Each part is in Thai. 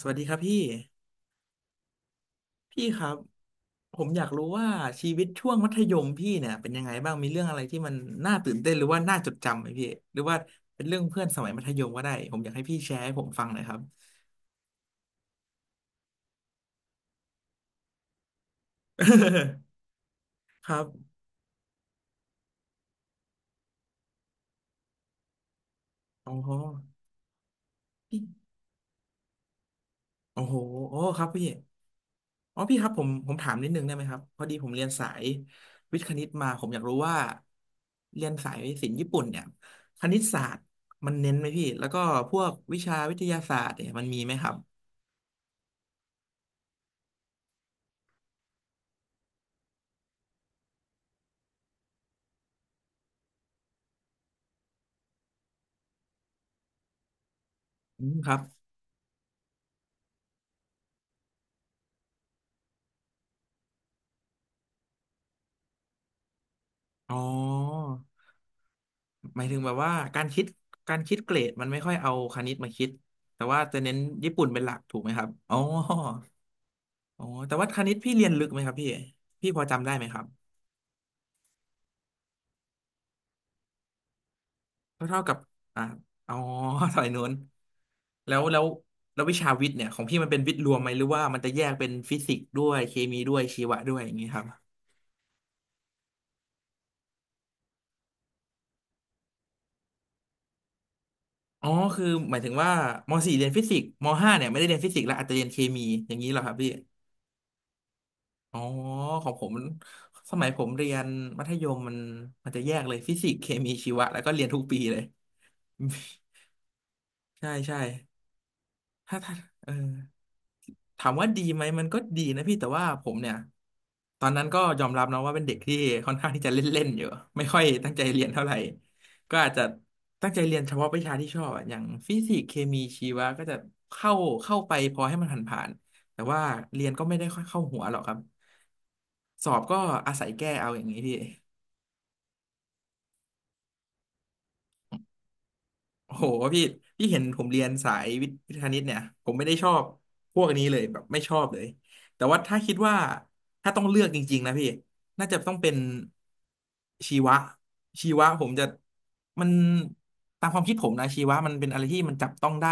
สวัสดีครับพี่พี่ครับผมอยากรู้ว่าชีวิตช่วงมัธยมพี่เนี่ยเป็นยังไงบ้างมีเรื่องอะไรที่มันน่าตื่นเต้นหรือว่าน่าจดจำไหมพี่หรือว่าเป็นเรื่องเพื่อนสมัยมัธยมก็ได้ผมอยากให้พี่แชร์ให้ผมฟังหน่อยครับ ครับอ๋อพี่โอ้โหโอ้ครับพี่อ๋อพี่ครับผมถามนิดนึงได้ไหมครับพอดีผมเรียนสายวิทย์คณิตมาผมอยากรู้ว่าเรียนสายศิลป์ญี่ปุ่นเนี่ยคณิตศาสตร์มันเน้นไหมพี่แล้วก็พวกวิชาวิทยาศาสตร์เนี่ยมันมีไหมครับ อืมครับอ๋อ หมายถึงแบบว่าการคิดการคิดเกรดมันไม่ค่อยเอาคณิตมาคิด แต่ว่าจะเน้นญี่ปุ่นเป็นหลักถูกไหมครับอ๋ออ๋อแต่ว่าคณิตพี่เรียนลึกไหมครับพี่พี่พอจำได้ไหมครับก็เท่ากับอ่าอ๋อ สายนู้นแล้วแล้วแล้ววิชาวิทย์เนี่ยของพี่มันเป็นวิทย์รวมไหมหรือว่ามันจะแยกเป็นฟิสิกส์ด้วยเคมีด้วยชีวะด้วยอย่างนี้ครับอ๋อคือหมายถึงว่าม .4 เรียนฟิสิกส์ม .5 เนี่ยไม่ได้เรียนฟิสิกส์แล้วอาจจะเรียนเคมีอย่างนี้เหรอครับพี่ อ๋อ ของผมมันสมัยผมเรียนมัธยมมันมันจะแยกเลยฟิสิกส์เคมีชีวะแล้วก็เรียนทุกปีเลย ใช่ใช่ถ้าถ้าเออ ถามว่าดีไหมมันก็ดีนะพี่แต่ว่าผมเนี่ยตอนนั้นก็ยอมรับนะว่าเป็นเด็กที่ค่อนข้างที่จะเล่นๆอยู่ไม่ค่อยตั้งใจเรียนเท่าไหร่ก็อาจจะตั้งใจเรียนเฉพาะวิชาที่ชอบอะอย่างฟิสิกส์เคมีชีวะก็จะเข้าเข้าไปพอให้มันผ่านๆแต่ว่าเรียนก็ไม่ได้ค่อยเข้าหัวหรอกครับสอบก็อาศัยแก้เอาอย่างนี้พี่ โอ้โหพี่พี่เห็นผมเรียนสายวิทย์วิทย์คณิตเนี่ยผมไม่ได้ชอบพวกนี้เลยแบบไม่ชอบเลยแต่ว่าถ้าคิดว่าถ้าต้องเลือกจริงๆนะพี่น่าจะต้องเป็นชีวะชีวะผมจะมันตามความคิดผมนะชีวะมันเป็นอะไรที่มันจับต้องได้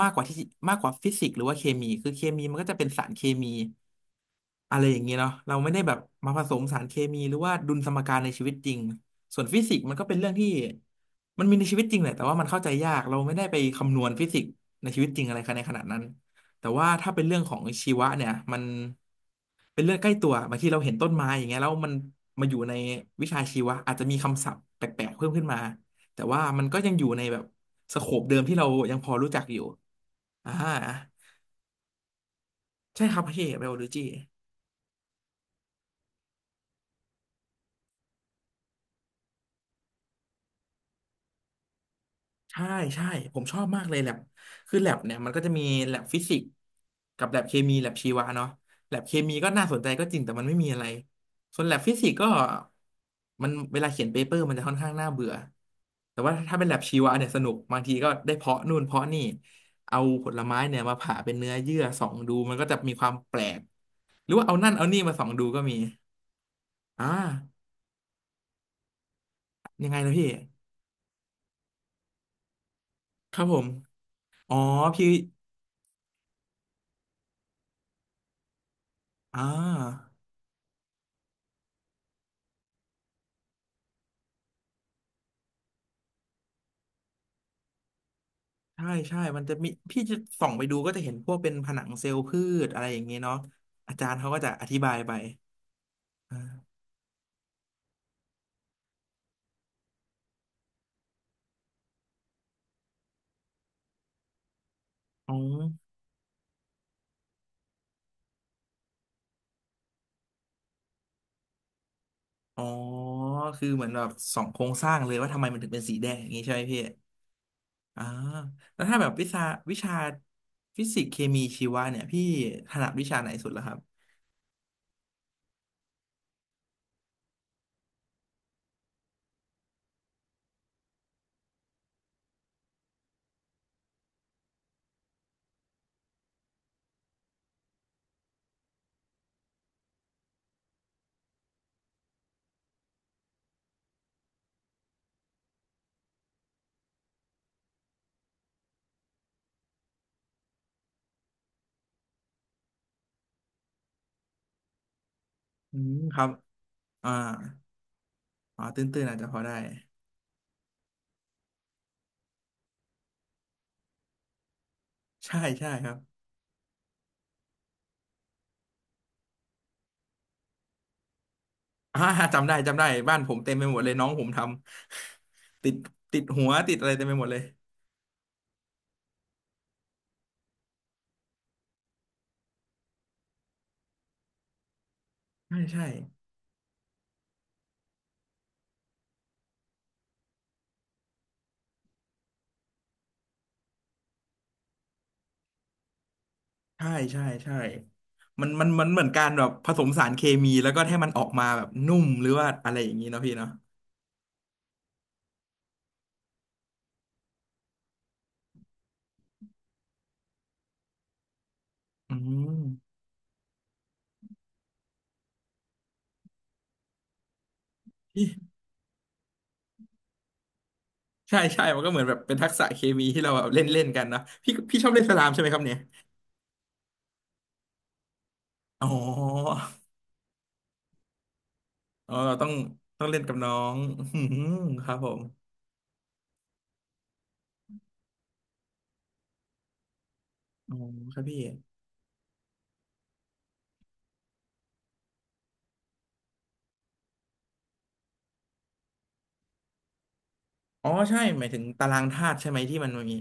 มากกว่าที่มากกว่าฟิสิกส์หรือว่าเคมีคือเคมีมันก็จะเป็นสารเคมีอะไรอย่างเงี้ยเนาะเราไม่ได้แบบมาผสมสารเคมีหรือว่าดุลสมการในชีวิตจริง ส่วนฟิสิกส์มันก็เป็นเรื่องที่มันมีในชีวิตจริงแหละแต่ว่ามันเข้าใจยากเราไม่ได้ไปคำนวณฟิสิกส์ในชีวิตจริงอะไรในขนาดนั้นแต่ว่าถ้าเป็นเรื่องของชีวะเนี่ยมันเป็นเรื่องใกล้ตัวบางทีเราเห็นต้นไม้อย่างเงี้ยแล้วมันมาอยู่ในวิชาชีวะอาจจะมีคำศัพท์แปลกๆเพิ่มขึ้นมาแต่ว่ามันก็ยังอยู่ในแบบสโคปเดิมที่เรายังพอรู้จักอยู่อ่าใช่ครับพี่เบลโลจี ใช่ใช่ผมชอบมากเลยแลบคือแลบเนี่ยมันก็จะมีแลบฟิสิกส์กับแลบเคมีแลบชีวะเนาะแลบเคมีก็น่าสนใจก็จริงแต่มันไม่มีอะไรส่วนแลบฟิสิกส์ก็มันเวลาเขียนเปเปอร์มันจะค่อนข้างน่าเบื่อแต่ว่าถ้าเป็นแลบชีวะเนี่ยสนุกบางทีก็ได้เพาะนู่นเพาะนี่เอาผลไม้เนี่ยมาผ่าเป็นเนื้อเยื่อส่องดูมันก็จะมีความแปลกหรือว่าเอานั่นเอานี่มาส่องดูก็มีอ่ายังไงนะพี่ครับผมอ๋อพี่อ่า ใช่ใช่มันจะมีพี่จะส่องไปดูก็จะเห็นพวกเป็นผนังเซลล์พืชอะไรอย่างเงี้ยเนาะอาจารย์เขาก็จะอธิบายไปอ่าอ๋ออ๋อ คือเหมือนแบบส่องโครงสร้างเลยว่าทำไมมันถึงเป็นสีแดงอย่างงี้ใช่ไหมพี่อ่าแล้วถ้าแบบวิชาวิชาฟิสิกส์เคมีชีวะเนี่ยพี่ถนัดวิชาไหนสุดล่ะครับอืมครับอ่าอ๋อตื้นๆอาจจะพอได้ ใช่ใช่ครับอ่าจำได้จำได้บ้านผมเต็มไปหมดเลยน้องผมทำติดติดหัวติดอะไรเต็มไปหมดเลยใช่ใช่ ใช่ใช่ใช่มันเหมือนการแบบผสมสารเคมีแล้วก็ให้มันออกมาแบบนุ่มหรือว่าอะไรอย่างนี้เนาะพี่เนาะอืมพี่ใช่ใช่มันก็เหมือนแบบเป็นทักษะเคมีที่เราแบบเล่นเล่นกันเนาะพี่พี่ชอบเล่นสลามใช่ไหมครับเนี่ยอ๋ออ๋อต้องต้องเล่นกับน้องอืมครับผมอ๋อครับพี่อ๋อใช่หมายถึงตารางธาตุใช่ไหมที่มันมี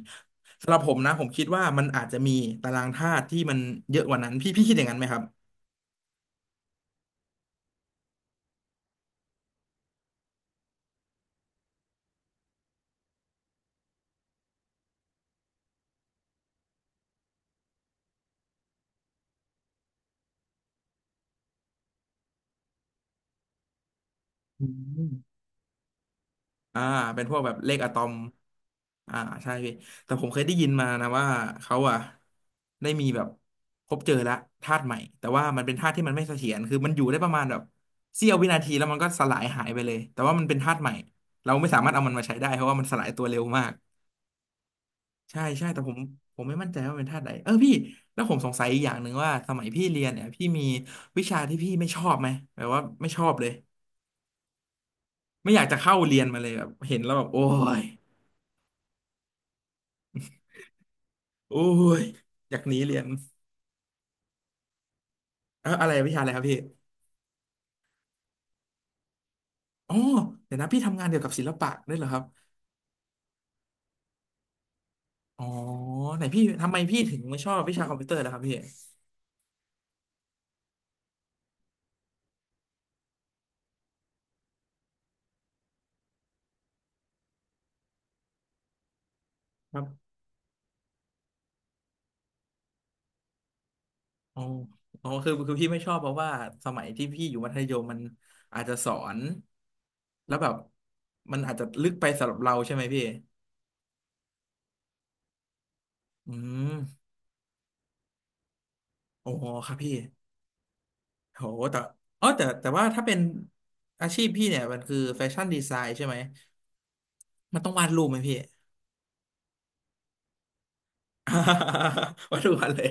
สำหรับผมนะผมคิดว่ามันอาจจะมีตารางธาตุที่มันเยอะกว่านั้นพี่พี่คิดอย่างนั้นไหมครับอืม อ่าเป็นพวกแบบเลขอะตอมอ่าใช่พี่แต่ผมเคยได้ยินมานะว่าเขาอ่ะได้มีแบบพบเจอละธาตุใหม่แต่ว่ามันเป็นธาตุที่มันไม่เสถียรคือมันอยู่ได้ประมาณแบบเสี้ยววินาทีแล้วมันก็สลายหายไปเลยแต่ว่ามันเป็นธาตุใหม่เราไม่สามารถเอามันมาใช้ได้เพราะว่ามันสลายตัวเร็วมากใช่ใช่แต่ผมไม่มั่นใจว่าเป็นธาตุใดเออพี่แล้วผมสงสัยอีกอย่างหนึ่งว่าสมัยพี่เรียนเนี่ยพี่มีวิชาที่พี่ไม่ชอบไหมแบบว่าไม่ชอบเลยไม่อยากจะเข้าเรียนมาเลยแบบเห็นแล้วแบบโอ้ย โอ้ยอยากหนีเรียนเอออะไรวิชาอะไรครับพี่อ๋อเดี๋ยวนะพี่ทำงานเกี่ยวกับศิลปะด้วยเหรอครับอ๋อไหนพี่ทำไมพี่ถึงไม่ชอบวิชาคอมพิวเตอร์ล่ะครับพี่ครับอ๋ออ๋อคือพี่ไม่ชอบเพราะว่าสมัยที่พี่อยู่มัธยมมันอาจจะสอนแล้วแบบมันอาจจะลึกไปสำหรับเราใช่ไหมพี่อืมโอ้ครับพี่โหแต่อ๋อแต่ว่าถ้าเป็นอาชีพพี่เนี่ยมันคือแฟชั่นดีไซน์ใช่ไหมมันต้องวาดรูปไหมพี่ วัดทุกวันเลย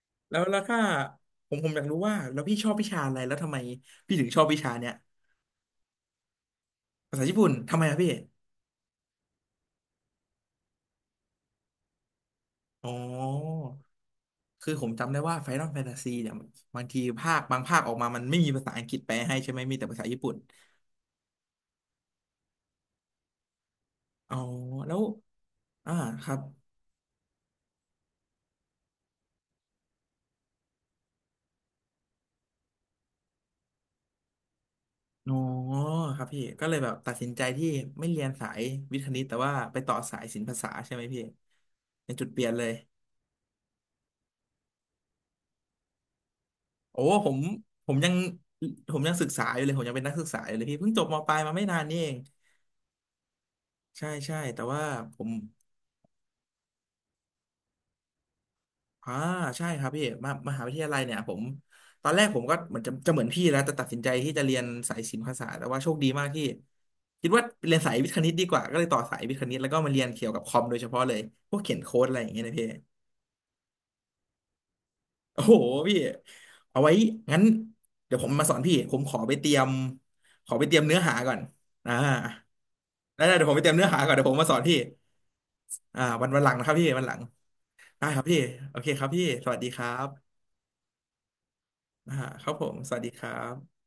แล้วแล้วถ้าผมอยากรู้ว่าแล้วพี่ชอบวิชาอะไรแล้วทำไมพี่ถึงชอบวิชาเนี้ยภาษาญี่ปุ่นทำไมอะพี่อ๋อคือผมจำได้ว่า Final Fantasy เนี่ยบางทีภาคบางภาคออกมามันไม่มีภาษาอังกฤษแปลให้ใช่ไหมมีแต่ภาษาญี่ปุ่นอ๋อแล้วอ่าครับอ๋อครับพี่ก็เลยแบบตัดสินใจที่ไม่เรียนสายวิทย์คณิตแต่ว่าไปต่อสายศิลปภาษาใช่ไหมพี่เป็นจุดเปลี่ยนเลย โอ้ผมผมยังผมยังศึกษาอยู่เลยผมยังเป็นนักศึกษาอยู่เลยพี่เพิ่งจบมปลายมาไม่นานนี่เองใช่ใช่แต่ว่าผมอ่าใช่ครับพี่มามหาวิทยาลัยเนี่ยผมตอนแรกผมก็เหมือนจะเหมือนพี่แล้วแต่ตัดสินใจที่จะเรียนสายศิลปภาษาสตร์แต่ว่าโชคดีมากที่คิดว่าเรียนสายวิทย์คณิตดีกว่าก็เลยต่อสายวิทย์คณิตแล้วก็มาเรียนเกี่ยวกับคอมโดยเฉพาะเลยพวกเขียนโค้ดอะไรอย่างเงี้ยนะพี่ โอ้โหพี่เอาไว้งั้นเดี๋ยวผมมาสอนพี่ผมขอไปเตรียมขอไปเตรียมเนื้อหาก่อนอ่าได้ได้เดี๋ยวผมไปเตรียมเนื้อหาก่อนเดี๋ยวผมมาสอนพี่อ่าวันวันหลังนะครับพี่วันหลังได้ครับพี่โอเคครับพี่สวัสดีครับอ่าครับผมสวัสดีครับ